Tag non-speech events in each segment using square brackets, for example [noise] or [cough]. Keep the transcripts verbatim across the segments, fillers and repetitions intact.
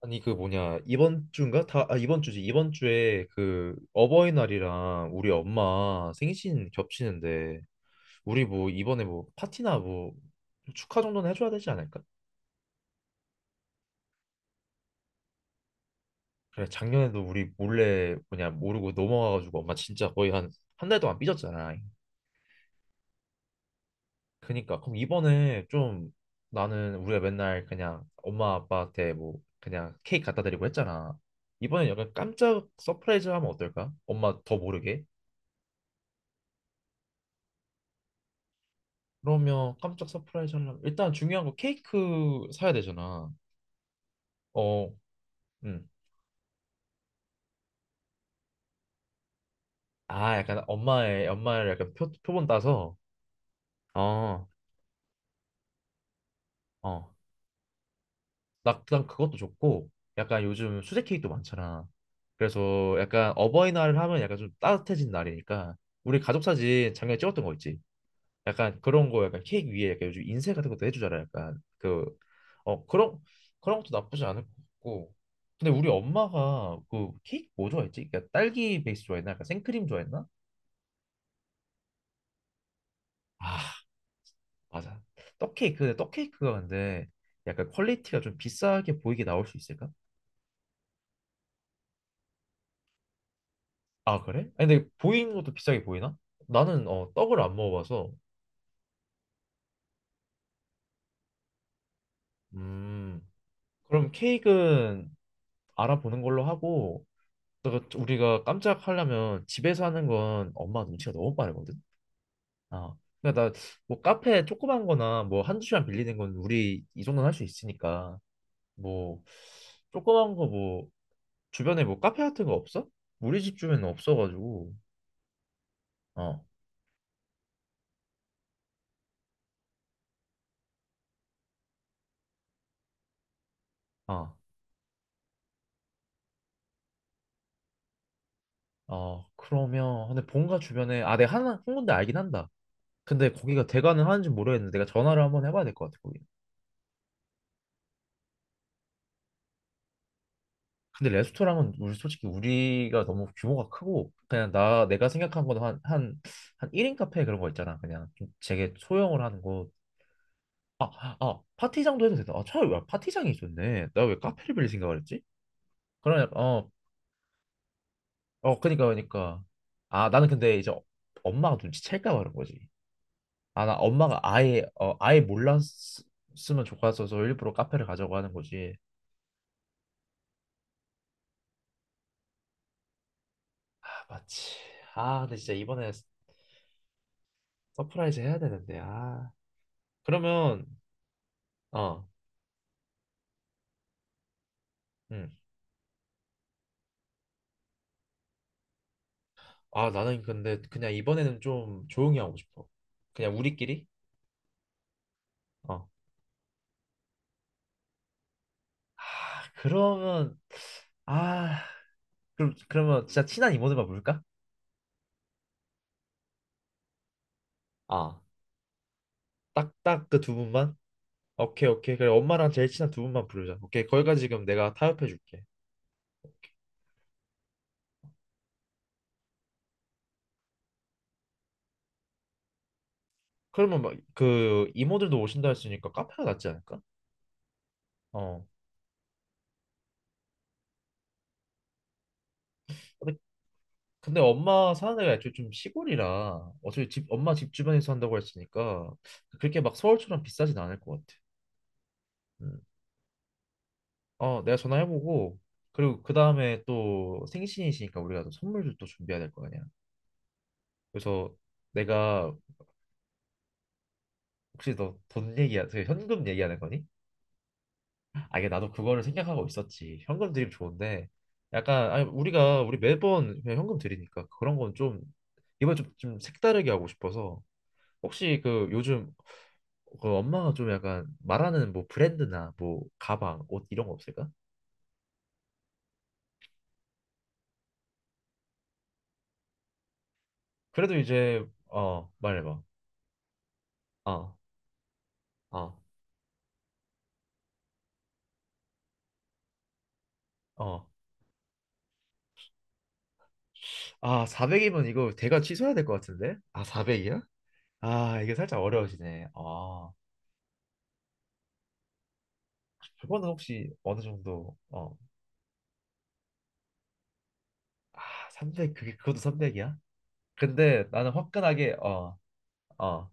아니 그 뭐냐 이번 주인가 다 아, 이번 주지 이번 주에 그 어버이날이랑 우리 엄마 생신 겹치는데 우리 뭐 이번에 뭐 파티나 뭐 축하 정도는 해줘야 되지 않을까? 그래 작년에도 우리 몰래 뭐냐 모르고 넘어가가지고 엄마 진짜 거의 한 한 달 동안 삐졌잖아. 그니까 그럼 이번에 좀 나는 우리가 맨날 그냥 엄마 아빠한테 뭐 그냥 케이크 갖다 드리고 했잖아. 이번엔 약간 깜짝 서프라이즈 하면 어떨까? 엄마 더 모르게. 그러면 깜짝 서프라이즈 하려면 일단 중요한 거 케이크 사야 되잖아. 어, 음. 아, 약간 엄마의 엄마를 약간 표, 표본 따서. 어, 어. 나그 그것도 좋고, 약간 요즘 수제 케이크도 많잖아. 그래서 약간 어버이날 하면 약간 좀 따뜻해진 날이니까 우리 가족 사진 작년에 찍었던 거 있지? 약간 그런 거 약간 케이크 위에 약간 요즘 인쇄 같은 것도 해주잖아 약간 그 어 그런 그런 것도 나쁘지 않을 것 같고 근데 우리 엄마가 그 케이크 뭐 좋아했지? 그러니까 딸기 베이스 좋아했나? 약간 생크림 좋아했나? 아 맞아 떡 케이크 근데 떡 케이크가 근데 약간 퀄리티가 좀 비싸게 보이게 나올 수 있을까? 아 그래? 아니, 근데 보이는 것도 비싸게 보이나? 나는 어 떡을 안 먹어봐서 음 그럼 케이크는 알아보는 걸로 하고 내가 우리가 깜짝 하려면 집에서 하는 건 엄마 눈치가 너무 빠르거든. 아, 그러니까 나 뭐 카페 조그만 거나 뭐 한두 시간 빌리는 건 우리 이 정도는 할 수 있으니까 뭐 조그만 거 뭐 주변에 뭐 카페 같은 거 없어? 우리 집 주변에 없어가지고 어, 아, 어 그러면 근데 본가 주변에 아 내가 하나 한 군데 알긴 한다. 근데 거기가 대관을 하는지 모르겠는데 내가 전화를 한번 해봐야 될 것 같아 거기. 근데 레스토랑은 우리 솔직히 우리가 너무 규모가 크고 그냥 나 내가 생각한 건 한 한 한 일 인 카페 그런 거 있잖아. 그냥 좀 되게 소형을 하는 곳. 아, 아, 파티장도 해도 되다. 아, 차라리 왜 파티장이 있었네. 나 왜 카페를 빌릴 생각을 했지? 그러냐, 어, 어, 그니까, 그니까. 아, 나는 근데 이제 엄마가 눈치챌까 봐 그런 거지. 아, 나 엄마가 아예, 어, 아예 몰랐으면 좋겠어서 일부러 카페를 가자고 하는 거지. 아, 맞지. 아, 근데 진짜 이번에 서프라이즈 해야 되는데, 아. 그러면, 어. 음. 아, 나는 근데 그냥 이번에는 좀 조용히 하고 싶어. 그냥 우리끼리? 어. 아, 그러면 아, 그럼 그러면 진짜 친한 이모들만 부를까? 아, 딱딱 그 두 분만? 오케이, 오케이. 그래, 엄마랑 제일 친한 두 분만 부르자. 오케이, 거기까지 지금 내가 타협해 줄게. 그러면 막 그 이모들도 오신다 했으니까 카페가 낫지 않을까? 어. 근데, 근데 엄마 사는 데가 애초에 좀 시골이라 어차피 집 엄마 집 주변에서 한다고 했으니까 그렇게 막 서울처럼 비싸진 않을 것 같아. 음. 어, 내가 전화해보고 그리고 그 다음에 또 생신이시니까 우리가 또 선물도 또 준비해야 될 거 아니야. 그래서 내가 혹시 너 돈 얘기야, 그 현금 얘기하는 거니? 아 이게 나도 그거를 생각하고 있었지. 현금 드리면 좋은데 약간 아니 우리가 우리 매번 그냥 현금 드리니까 그런 건 좀 이번 좀 좀 색다르게 하고 싶어서 혹시 그 요즘 그 엄마가 좀 약간 말하는 뭐 브랜드나 뭐 가방, 옷 이런 거 없을까? 그래도 이제 어 말해봐. 어 어, 어. 아, 사백이면 이거 대가 취소해야 될 것 같은데? 아, 사백이야? 아, 이게 살짝 어려워지네. 아, 그거는 혹시 어느 정도, 어, 아, 삼백, 그게, 그것도 삼백이야? 근데 나는 화끈하게, 어, 어,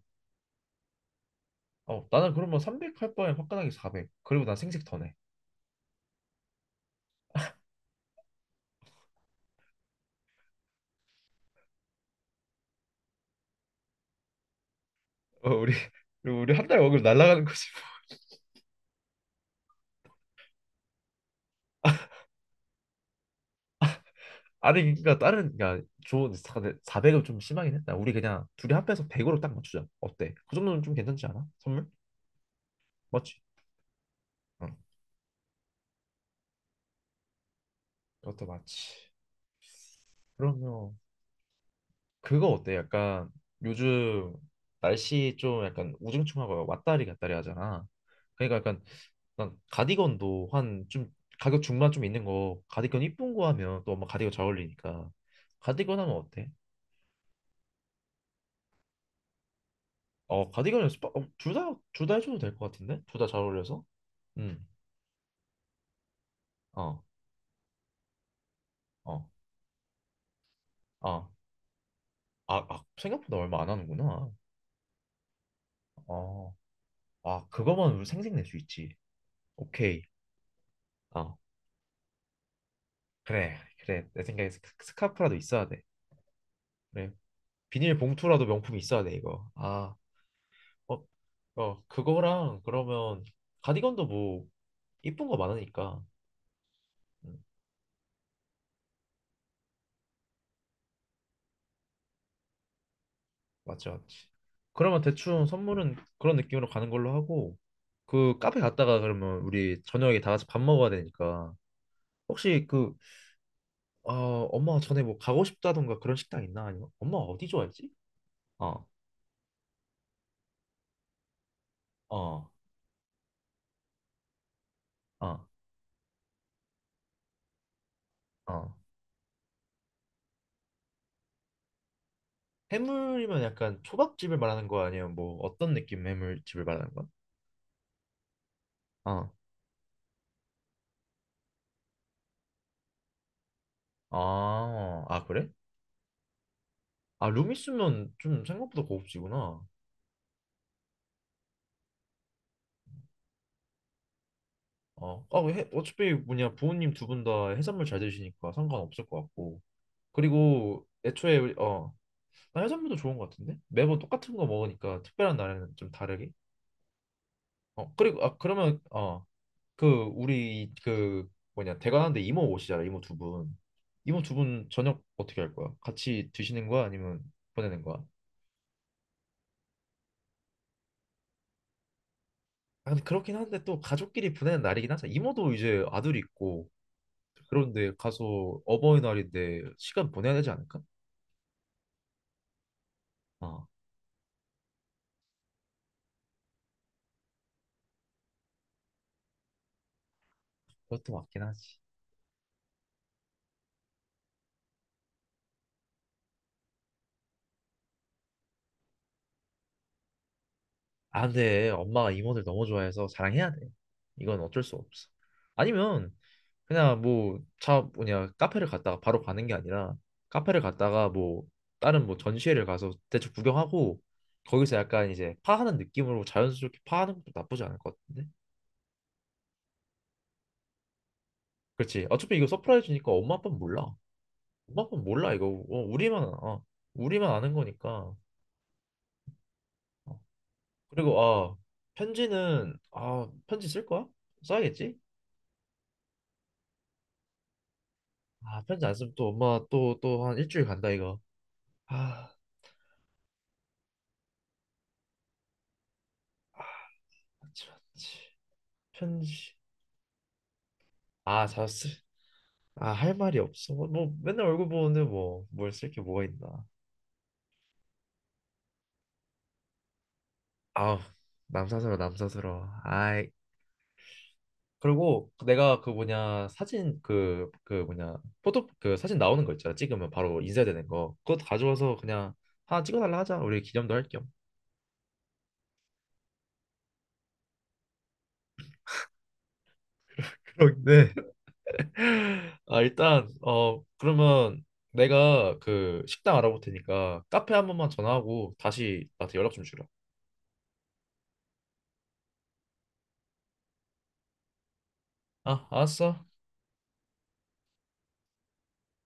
어, 나는 그러면 삼백 할 바에 화끈하게 사백. 그리고 난 생색 더 내. 어, 우리, 그리고 우리 한 달 월급 날라가는 거지. [laughs] 아니, 그러니까 다른, 그러니까 좋은, 사백은 좀 심하긴 했다. 우리 그냥 둘이 합해서 백으로 딱 맞추자. 어때? 그 정도는 좀 괜찮지 않아? 선물? 맞지? 응, 그것도 맞지. 그러면 그거 어때? 약간 요즘 날씨 좀 약간 우중충하고 왔다리 갔다리 하잖아. 그러니까 약간 난 가디건도 한 좀 가격 중반 좀 있는 거 가디건 이쁜 거 하면 또 엄마 가디건 잘 어울리니까 가디건 하면 어때? 어 가디건은 스파 어, 둘다둘 다 해줘도 될 것 같은데 둘 다 잘 어울려서 음어어어아 아, 아, 아, 생각보다 얼마 안 하는구나 어아 그거만 우리 생색낼 수 있지 오케이 어 그래 그래 내 생각에 스- 스카프라도 있어야 돼 그래 비닐봉투라도 명품이 있어야 돼 이거. 아, 어, 어, 그거랑 그러면 가디건도 뭐 이쁜 거 많으니까. 음, 맞지, 맞지. 그러면 대충 선물은 그런 느낌으로 가는 걸로 하고 그 카페 갔다가 그러면 우리 저녁에 다 같이 밥 먹어야 되니까 혹시 그 어, 엄마 전에 뭐 가고 싶다던가 그런 식당 있나 아니면 엄마 어디 좋아했지? 어, 어, 어, 어. 해물이면 약간 초밥집을 말하는 거 아니면 뭐 어떤 느낌 해물집을 말하는 거야? 어. 아, 아, 그래? 아, 룸 있으면 좀 생각보다 고급지구나. 어, 아, 그 해, 어차피 뭐냐 부모님 두 분 다 해산물 잘 드시니까 상관없을 것 같고. 그리고 애초에 우리- 어, 나 해산물도 좋은 것 같은데 매번 똑같은 거 먹으니까 특별한 날에는 좀 다르게. 어, 그리고 아 그러면 어, 그 우리 그 뭐냐 대관하는데 이모 오시잖아 이모 두 분. 이모 두 분 저녁 어떻게 할 거야? 같이 드시는 거야 아니면 보내는 거야? 아, 근데 그렇긴 한데 또 가족끼리 보내는 날이긴 하잖아. 이모도 이제 아들이 있고. 그런데 가서 어버이날인데 시간 보내야 되지 않을까? 어, 그것도 맞긴 하지. 아, 근데 엄마가 임원을 너무 좋아해서 자랑해야 돼. 이건 어쩔 수 없어. 아니면 그냥 뭐 차 뭐냐 카페를 갔다가 바로 가는 게 아니라 카페를 갔다가 뭐 다른 뭐 전시회를 가서 대충 구경하고 거기서 약간 이제 파하는 느낌으로 자연스럽게 파하는 것도 나쁘지 않을 것 같은데? 그렇지. 어차피 이거 서프라이즈니까 엄마 아빠는 몰라. 엄마 아빠는 몰라 이거. 어, 우리만 아 우리만 아는 거니까. 어, 그리고 아 편지는 아 편지 쓸 거야? 써야겠지? 아 편지 안 쓰면 또 엄마 또 또 한 일주일 간다 이거. 아 맞지 맞지 편지 아 잘쓰 아할 말이 없어 뭐 뭐, 맨날 얼굴 보는데 뭐 뭘 쓸 게 뭐가 있나 아우 남사스러워 남사스러워 아이 그리고 내가 그 뭐냐 사진 그 그 뭐냐 포토 그 사진 나오는 거 있잖아 찍으면 바로 인쇄되는 거 그것 가져와서 그냥 하나 찍어달라 하자 우리 기념도 할겸 [laughs] 그런네 [laughs] 아, 일단 어 그러면 내가 그 식당 알아볼 테니까 카페 한 번만 전화하고 다시 나한테 연락 좀 주라. 아, 알았어.